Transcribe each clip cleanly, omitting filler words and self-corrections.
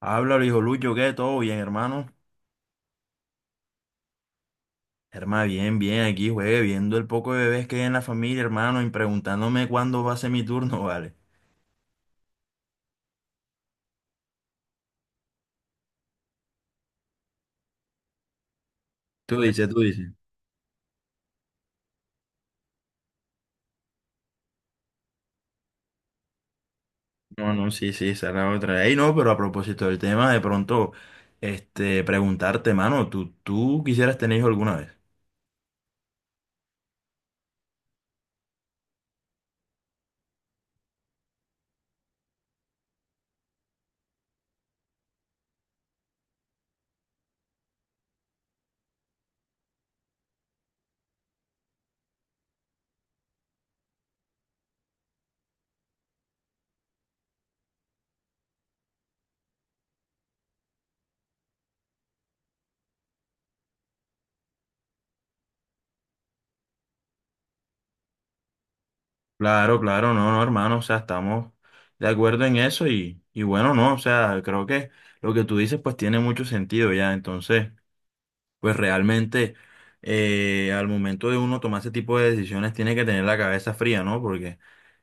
Háblalo, hijo Lucho, ¿qué? ¿Todo bien, hermano? Hermano, bien, bien, aquí, juegue, viendo el poco de bebés que hay en la familia, hermano, y preguntándome cuándo va a ser mi turno, ¿vale? Tú dices, tú dices. No, no, sí, sí, esa es la otra. Ey, no, pero a propósito del tema, de pronto, preguntarte, hermano, ¿tú quisieras tener hijos alguna vez? Claro, claro, no, no, hermano, o sea, estamos de acuerdo en eso y bueno, no, o sea, creo que lo que tú dices, pues, tiene mucho sentido ya, entonces... Pues realmente al momento de uno tomar ese tipo de decisiones tiene que tener la cabeza fría, ¿no? Porque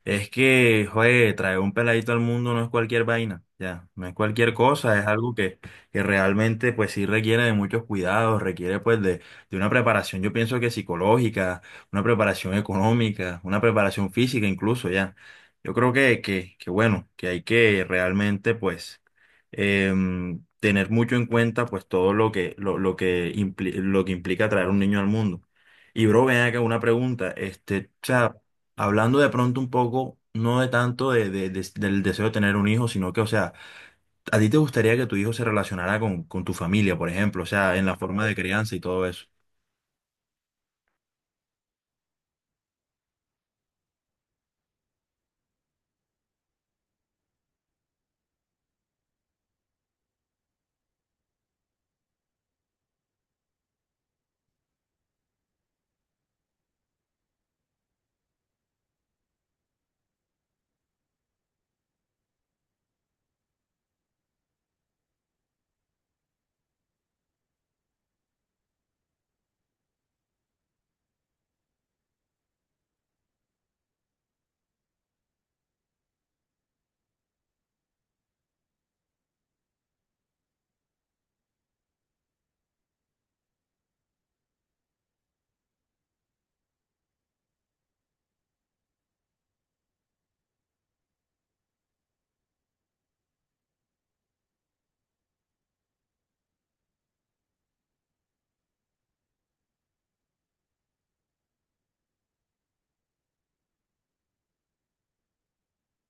es que, joder, traer un peladito al mundo no es cualquier vaina, ya, no es cualquier cosa, es algo que realmente pues sí requiere de muchos cuidados, requiere pues de una preparación, yo pienso que psicológica, una preparación económica, una preparación física incluso, ya. Yo creo que bueno, que hay que realmente pues tener mucho en cuenta pues todo lo que lo que implica traer un niño al mundo. Y bro, ven acá una pregunta, o sea, hablando de pronto un poco, no de tanto de del deseo de tener un hijo, sino que, o sea, ¿a ti te gustaría que tu hijo se relacionara con tu familia, por ejemplo? O sea, en la forma de crianza y todo eso.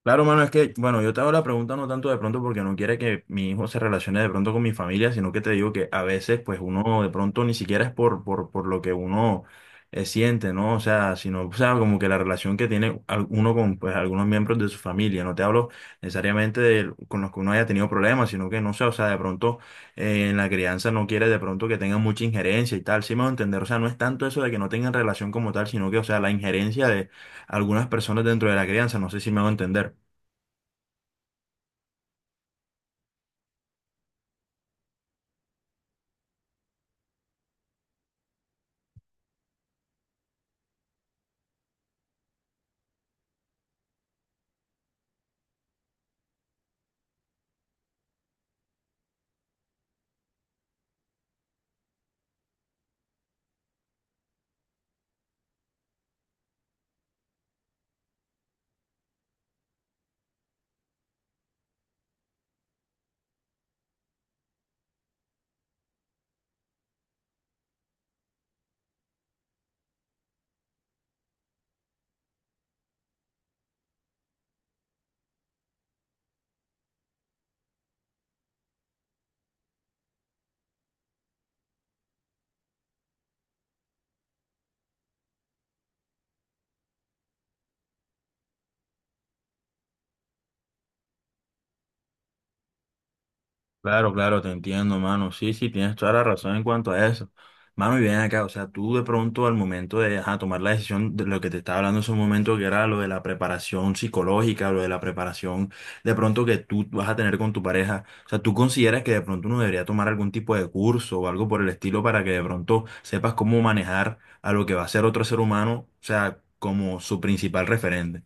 Claro, mano, es que, bueno, yo te hago la pregunta no tanto de pronto porque no quiere que mi hijo se relacione de pronto con mi familia, sino que te digo que a veces, pues uno de pronto ni siquiera es por lo que uno siente, ¿no? O sea, sino, o sea, como que la relación que tiene uno con, pues, algunos miembros de su familia. No te hablo necesariamente de con los que uno haya tenido problemas, sino que, no sé, o sea, de pronto en la crianza no quiere de pronto que tengan mucha injerencia y tal. Sí me va a entender, o sea, no es tanto eso de que no tengan relación como tal, sino que, o sea, la injerencia de algunas personas dentro de la crianza, no sé si me va a entender. Claro, claro, te entiendo, mano. Sí, sí, tienes toda la razón en cuanto a eso. Mano, y bien acá, o sea, tú de pronto al momento de ajá, tomar la decisión de lo que te estaba hablando en ese momento, que era lo de la preparación psicológica, lo de la preparación de pronto que tú vas a tener con tu pareja, o sea, ¿tú consideras que de pronto uno debería tomar algún tipo de curso o algo por el estilo para que de pronto sepas cómo manejar a lo que va a ser otro ser humano, o sea, como su principal referente?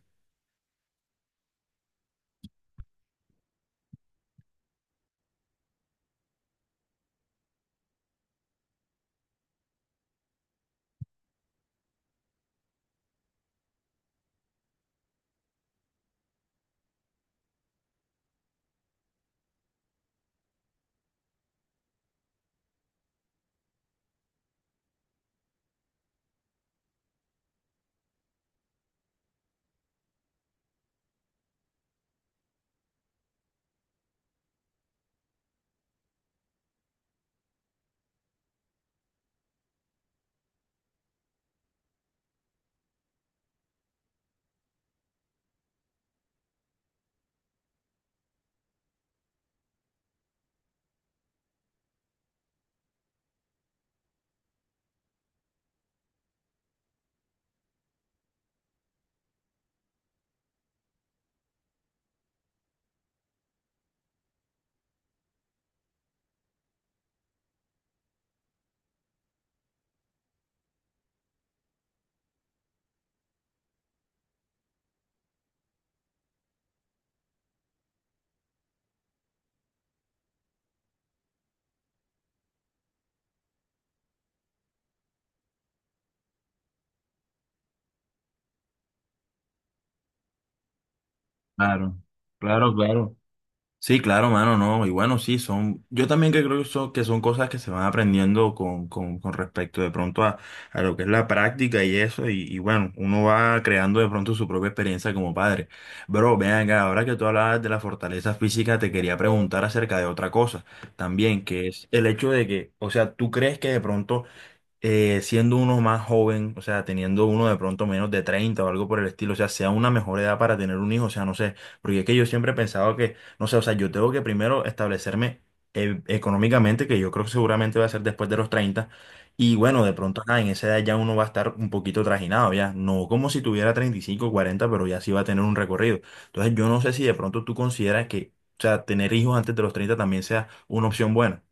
Claro, claro, claro. Sí, claro, mano, no. Y bueno, sí, son, yo también que creo que son cosas que se van aprendiendo con respecto de pronto a lo que es la práctica y eso, y bueno, uno va creando de pronto su propia experiencia como padre. Bro, ven acá, ahora que tú hablabas de la fortaleza física, te quería preguntar acerca de otra cosa también, que es el hecho de que, o sea, ¿tú crees que de pronto siendo uno más joven, o sea, teniendo uno de pronto menos de 30 o algo por el estilo, o sea, sea una mejor edad para tener un hijo, o sea, no sé, porque es que yo siempre he pensado que, no sé, o sea, yo tengo que primero establecerme económicamente, que yo creo que seguramente va a ser después de los 30 y bueno, de pronto, en esa edad ya uno va a estar un poquito trajinado, ya, no como si tuviera 35 40 pero ya sí va a tener un recorrido. Entonces, yo no sé si de pronto tú consideras que, o sea, tener hijos antes de los 30 también sea una opción buena.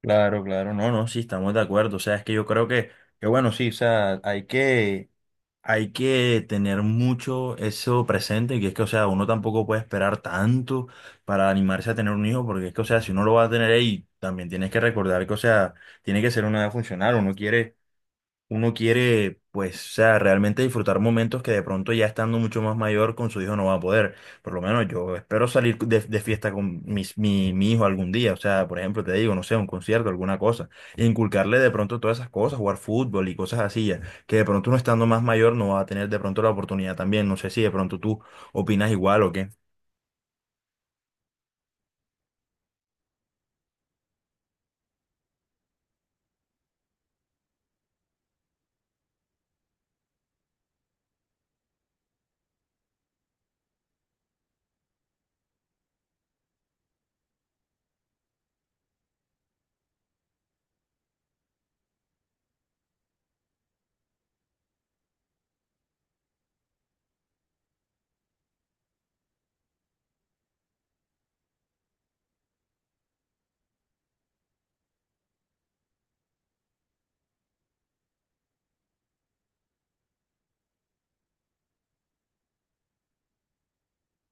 Claro, claro, no, no, sí, estamos de acuerdo. O sea, es que yo creo que bueno, sí, o sea, hay que tener mucho eso presente, que es que, o sea, uno tampoco puede esperar tanto para animarse a tener un hijo, porque es que, o sea, si uno lo va a tener ahí, también tienes que recordar que, o sea, tiene que ser una edad funcional, uno quiere, pues, o sea, realmente disfrutar momentos que de pronto ya estando mucho más mayor con su hijo no va a poder. Por lo menos yo espero salir de fiesta con mi hijo algún día. O sea, por ejemplo, te digo, no sé, un concierto, alguna cosa. E inculcarle de pronto todas esas cosas, jugar fútbol y cosas así ya. Que de pronto uno estando más mayor no va a tener de pronto la oportunidad también. No sé si de pronto tú opinas igual o qué.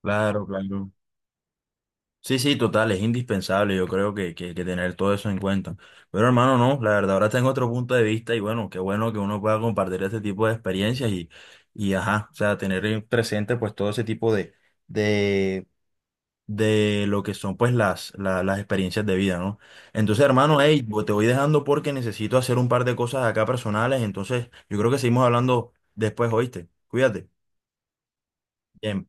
Claro, claro. Sí, sí, total, es indispensable, yo creo que tener todo eso en cuenta. Pero hermano, no, la verdad, ahora tengo otro punto de vista y bueno, qué bueno que uno pueda compartir este tipo de experiencias y ajá, o sea, tener en presente pues todo ese tipo de, de lo que son pues las, las experiencias de vida, ¿no? Entonces, hermano, hey, te voy dejando porque necesito hacer un par de cosas acá personales, entonces yo creo que seguimos hablando después, ¿oíste? Cuídate. Bien.